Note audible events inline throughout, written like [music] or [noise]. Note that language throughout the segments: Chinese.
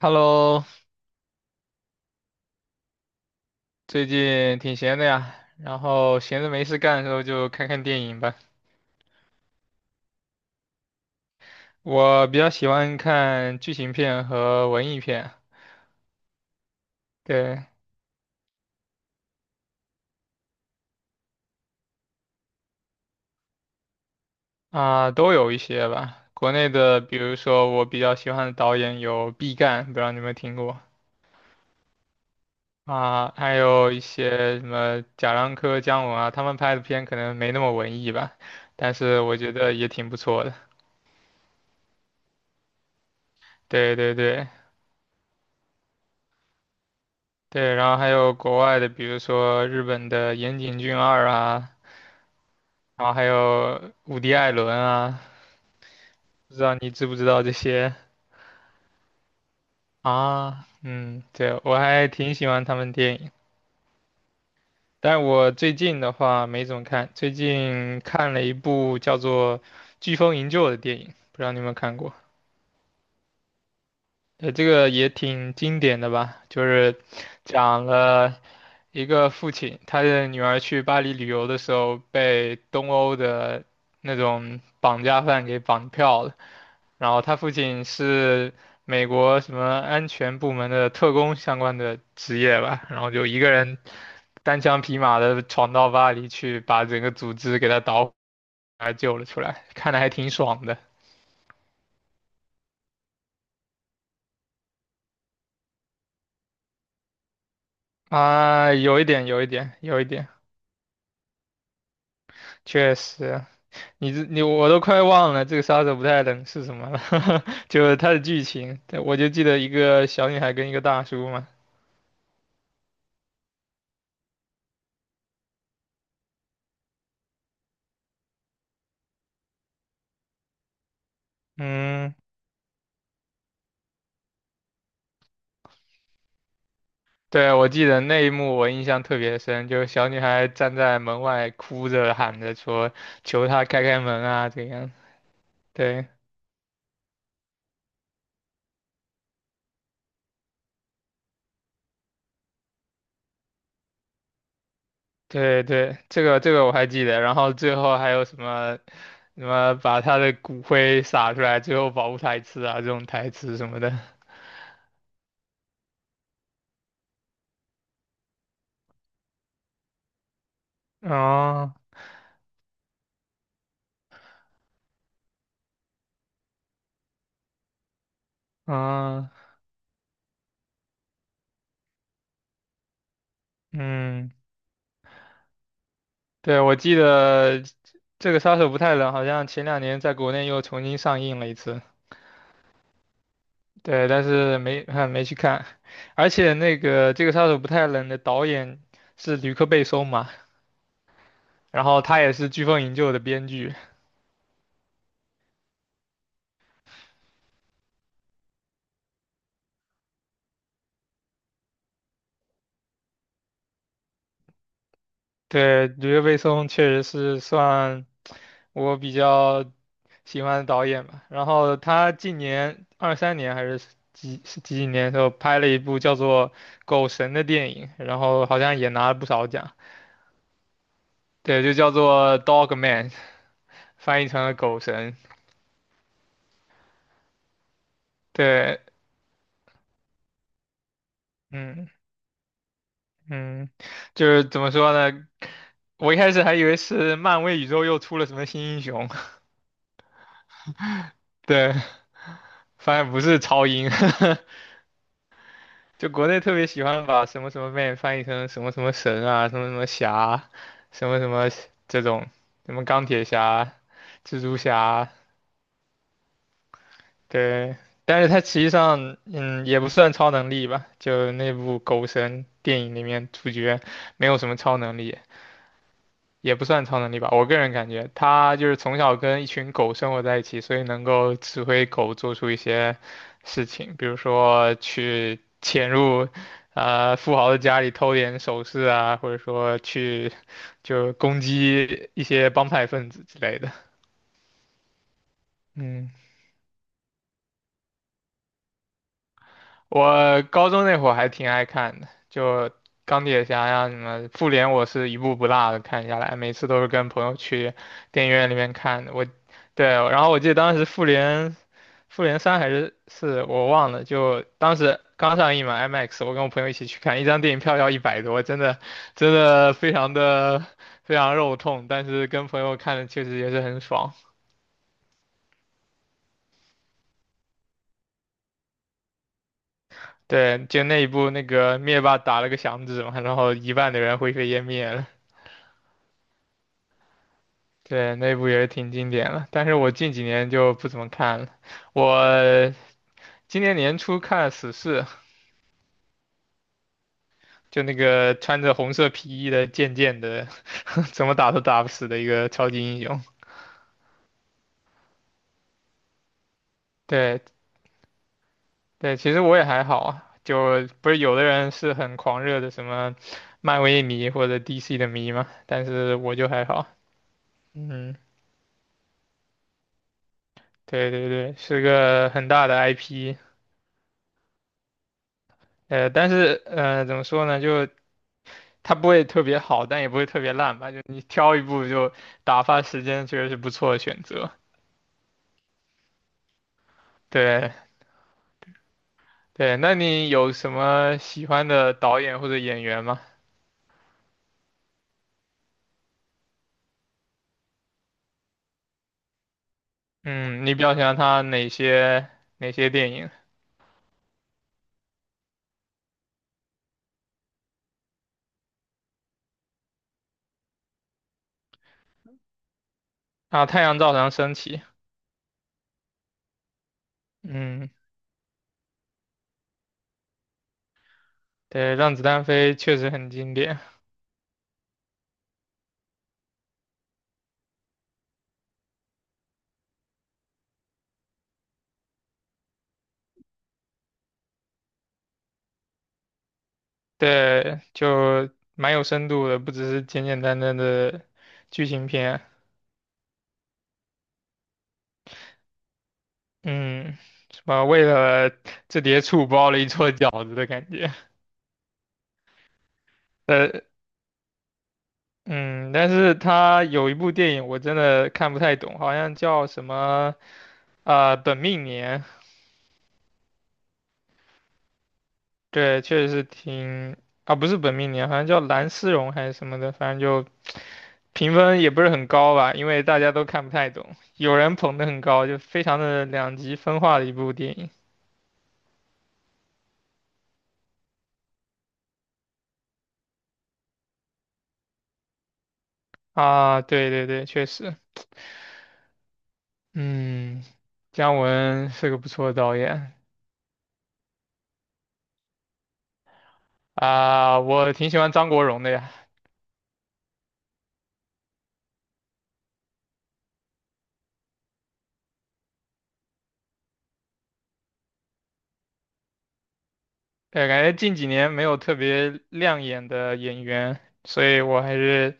Hello，最近挺闲的呀，然后闲着没事干的时候就看看电影吧。我比较喜欢看剧情片和文艺片，对啊，都有一些吧。国内的，比如说我比较喜欢的导演有毕赣，不知道你有没有听过啊？还有一些什么贾樟柯、姜文啊，他们拍的片可能没那么文艺吧，但是我觉得也挺不错的。对对对对，然后还有国外的，比如说日本的岩井俊二啊。然后还有伍迪·艾伦啊，不知道你知不知道这些啊？嗯，对，我还挺喜欢他们电影，但我最近的话没怎么看，最近看了一部叫做《飓风营救》的电影，不知道你有没有看过？这个也挺经典的吧，就是讲了一个父亲，他的女儿去巴黎旅游的时候被东欧的那种绑架犯给绑票了，然后他父亲是美国什么安全部门的特工相关的职业吧，然后就一个人单枪匹马的闯到巴黎去，把整个组织给他捣毁，还救了出来，看的还挺爽的啊，有一点，有一点，有一点，确实。你我都快忘了这个杀手不太冷是什么了，[laughs] 就是它的剧情，对我就记得一个小女孩跟一个大叔嘛。嗯，对，我记得那一幕我印象特别深，就是小女孩站在门外哭着喊着说求他开开门啊，这样。对对对，这个我还记得。然后最后还有什么什么把他的骨灰撒出来，最后保护台词啊，这种台词什么的。[laughs] 哦，哦，嗯。对，我记得这个杀手不太冷，好像前两年在国内又重新上映了一次。对，但是没 [laughs] 没去看，而且那个这个杀手不太冷的导演是吕克贝松嘛，然后他也是《飓风营救》的编剧。对，吕克贝松确实是算我比较喜欢的导演吧。然后他近年二三年还是几几年的时候拍了一部叫做《狗神》的电影，然后好像也拿了不少奖。对，就叫做 Dog Man，翻译成了狗神。对，嗯嗯，就是怎么说呢？我一开始还以为是漫威宇宙又出了什么新英雄，[laughs] 对，发现不是超英，[laughs] 就国内特别喜欢把什么什么 Man 翻译成什么什么神啊，什么什么侠，什么什么这种，什么钢铁侠、蜘蛛侠，对，但是他实际上，也不算超能力吧，就那部《狗神》电影里面主角没有什么超能力，也不算超能力吧。我个人感觉，他就是从小跟一群狗生活在一起，所以能够指挥狗做出一些事情，比如说去潜入，富豪的家里偷点首饰啊，或者说去就攻击一些帮派分子之类的。嗯。我高中那会儿还挺爱看的，就钢铁侠呀什么，复联我是一部不落的看下来，每次都是跟朋友去电影院里面看的。我，对，然后我记得当时复联，复联三还是四，我忘了，就当时刚上映嘛，IMAX，我跟我朋友一起去看，一张电影票要100多，真的真的非常肉痛，但是跟朋友看的确实也是很爽。对，就那一部那个灭霸打了个响指嘛，然后一半的人灰飞烟灭了。对，那部也挺经典了，但是我近几年就不怎么看了。我今年年初看了《死侍》，就那个穿着红色皮衣的贱贱的，[laughs] 怎么打都打不死的一个超级英雄。对对，其实我也还好啊，就不是有的人是很狂热的什么漫威迷或者 DC 的迷嘛，但是我就还好。嗯，对对对，是个很大的 IP。但是怎么说呢，就。它不会特别好，但也不会特别烂吧？就你挑一部就打发时间，确实是不错的选择。对对，那你有什么喜欢的导演或者演员吗？嗯，你比较喜欢他哪些电影啊？《太阳照常升起》，嗯，对，《让子弹飞》确实很经典，对，就蛮有深度的，不只是简简单单的剧情片，嗯，什么为了这碟醋包了一桌饺子的感觉。呃，嗯，但是他有一部电影我真的看不太懂，好像叫什么啊、本命年，对，确实是挺啊，不是本命年，好像叫蓝丝绒还是什么的，反正就评分也不是很高吧，因为大家都看不太懂，有人捧得很高，就非常的两极分化的一部电影啊，对对对，确实，嗯，姜文是个不错的导演啊，我挺喜欢张国荣的呀。对，感觉近几年没有特别亮眼的演员，所以我还是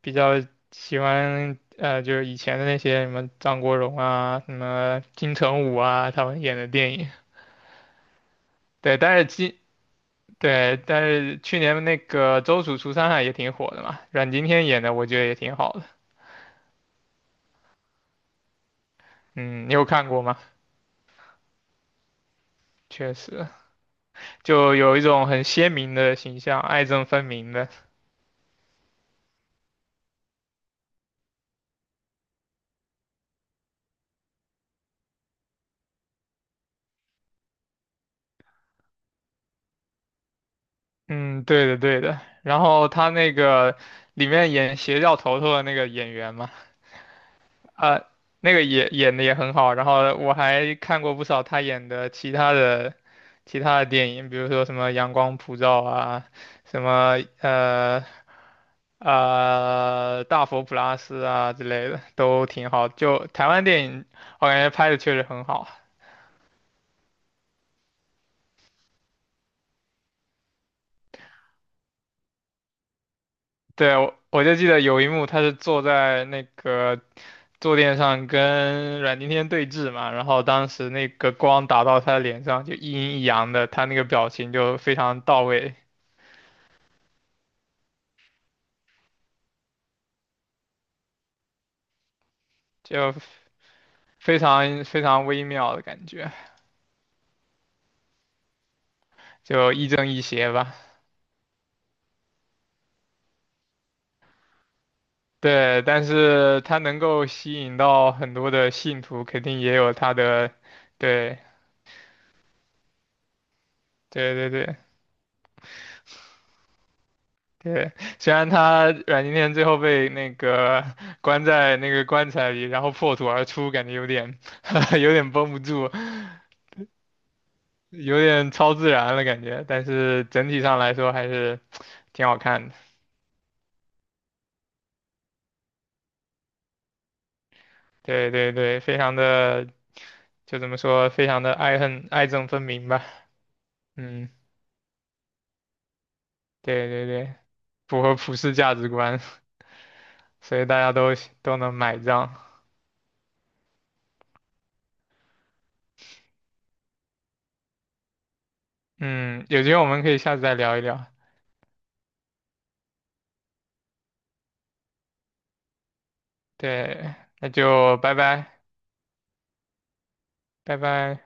比较喜欢就是以前的那些什么张国荣啊、什么金城武啊，他们演的电影。对，但是但是去年那个《周处除三害》也挺火的嘛，阮经天演的我觉得也挺好的。嗯，你有看过吗？确实，就有一种很鲜明的形象，爱憎分明的。嗯，对的对的。然后他那个里面演邪教头头的那个演员嘛，啊、那个也演的也很好。然后我还看过不少他演的其他的电影，比如说什么《阳光普照》啊，什么《大佛普拉斯》啊之类的，都挺好。就台湾电影，我感觉拍的确实很好。对，我就记得有一幕，他是坐在那个坐垫上跟阮经天对峙嘛，然后当时那个光打到他的脸上，就一阴一阳的，他那个表情就非常到位，就非常非常微妙的感觉，就亦正亦邪吧。对，但是他能够吸引到很多的信徒，肯定也有他的，对对对对对。虽然他阮经天最后被那个关在那个棺材里，然后破土而出，感觉有点 [laughs] 有点绷不住。有点超自然了感觉，但是整体上来说还是挺好看的。对对对，非常的，就怎么说，非常的爱憎分明吧。嗯，对对对，符合普世价值观，所以大家都能买账。嗯，有机会我们可以下次再聊一聊。对，那就拜拜，拜拜。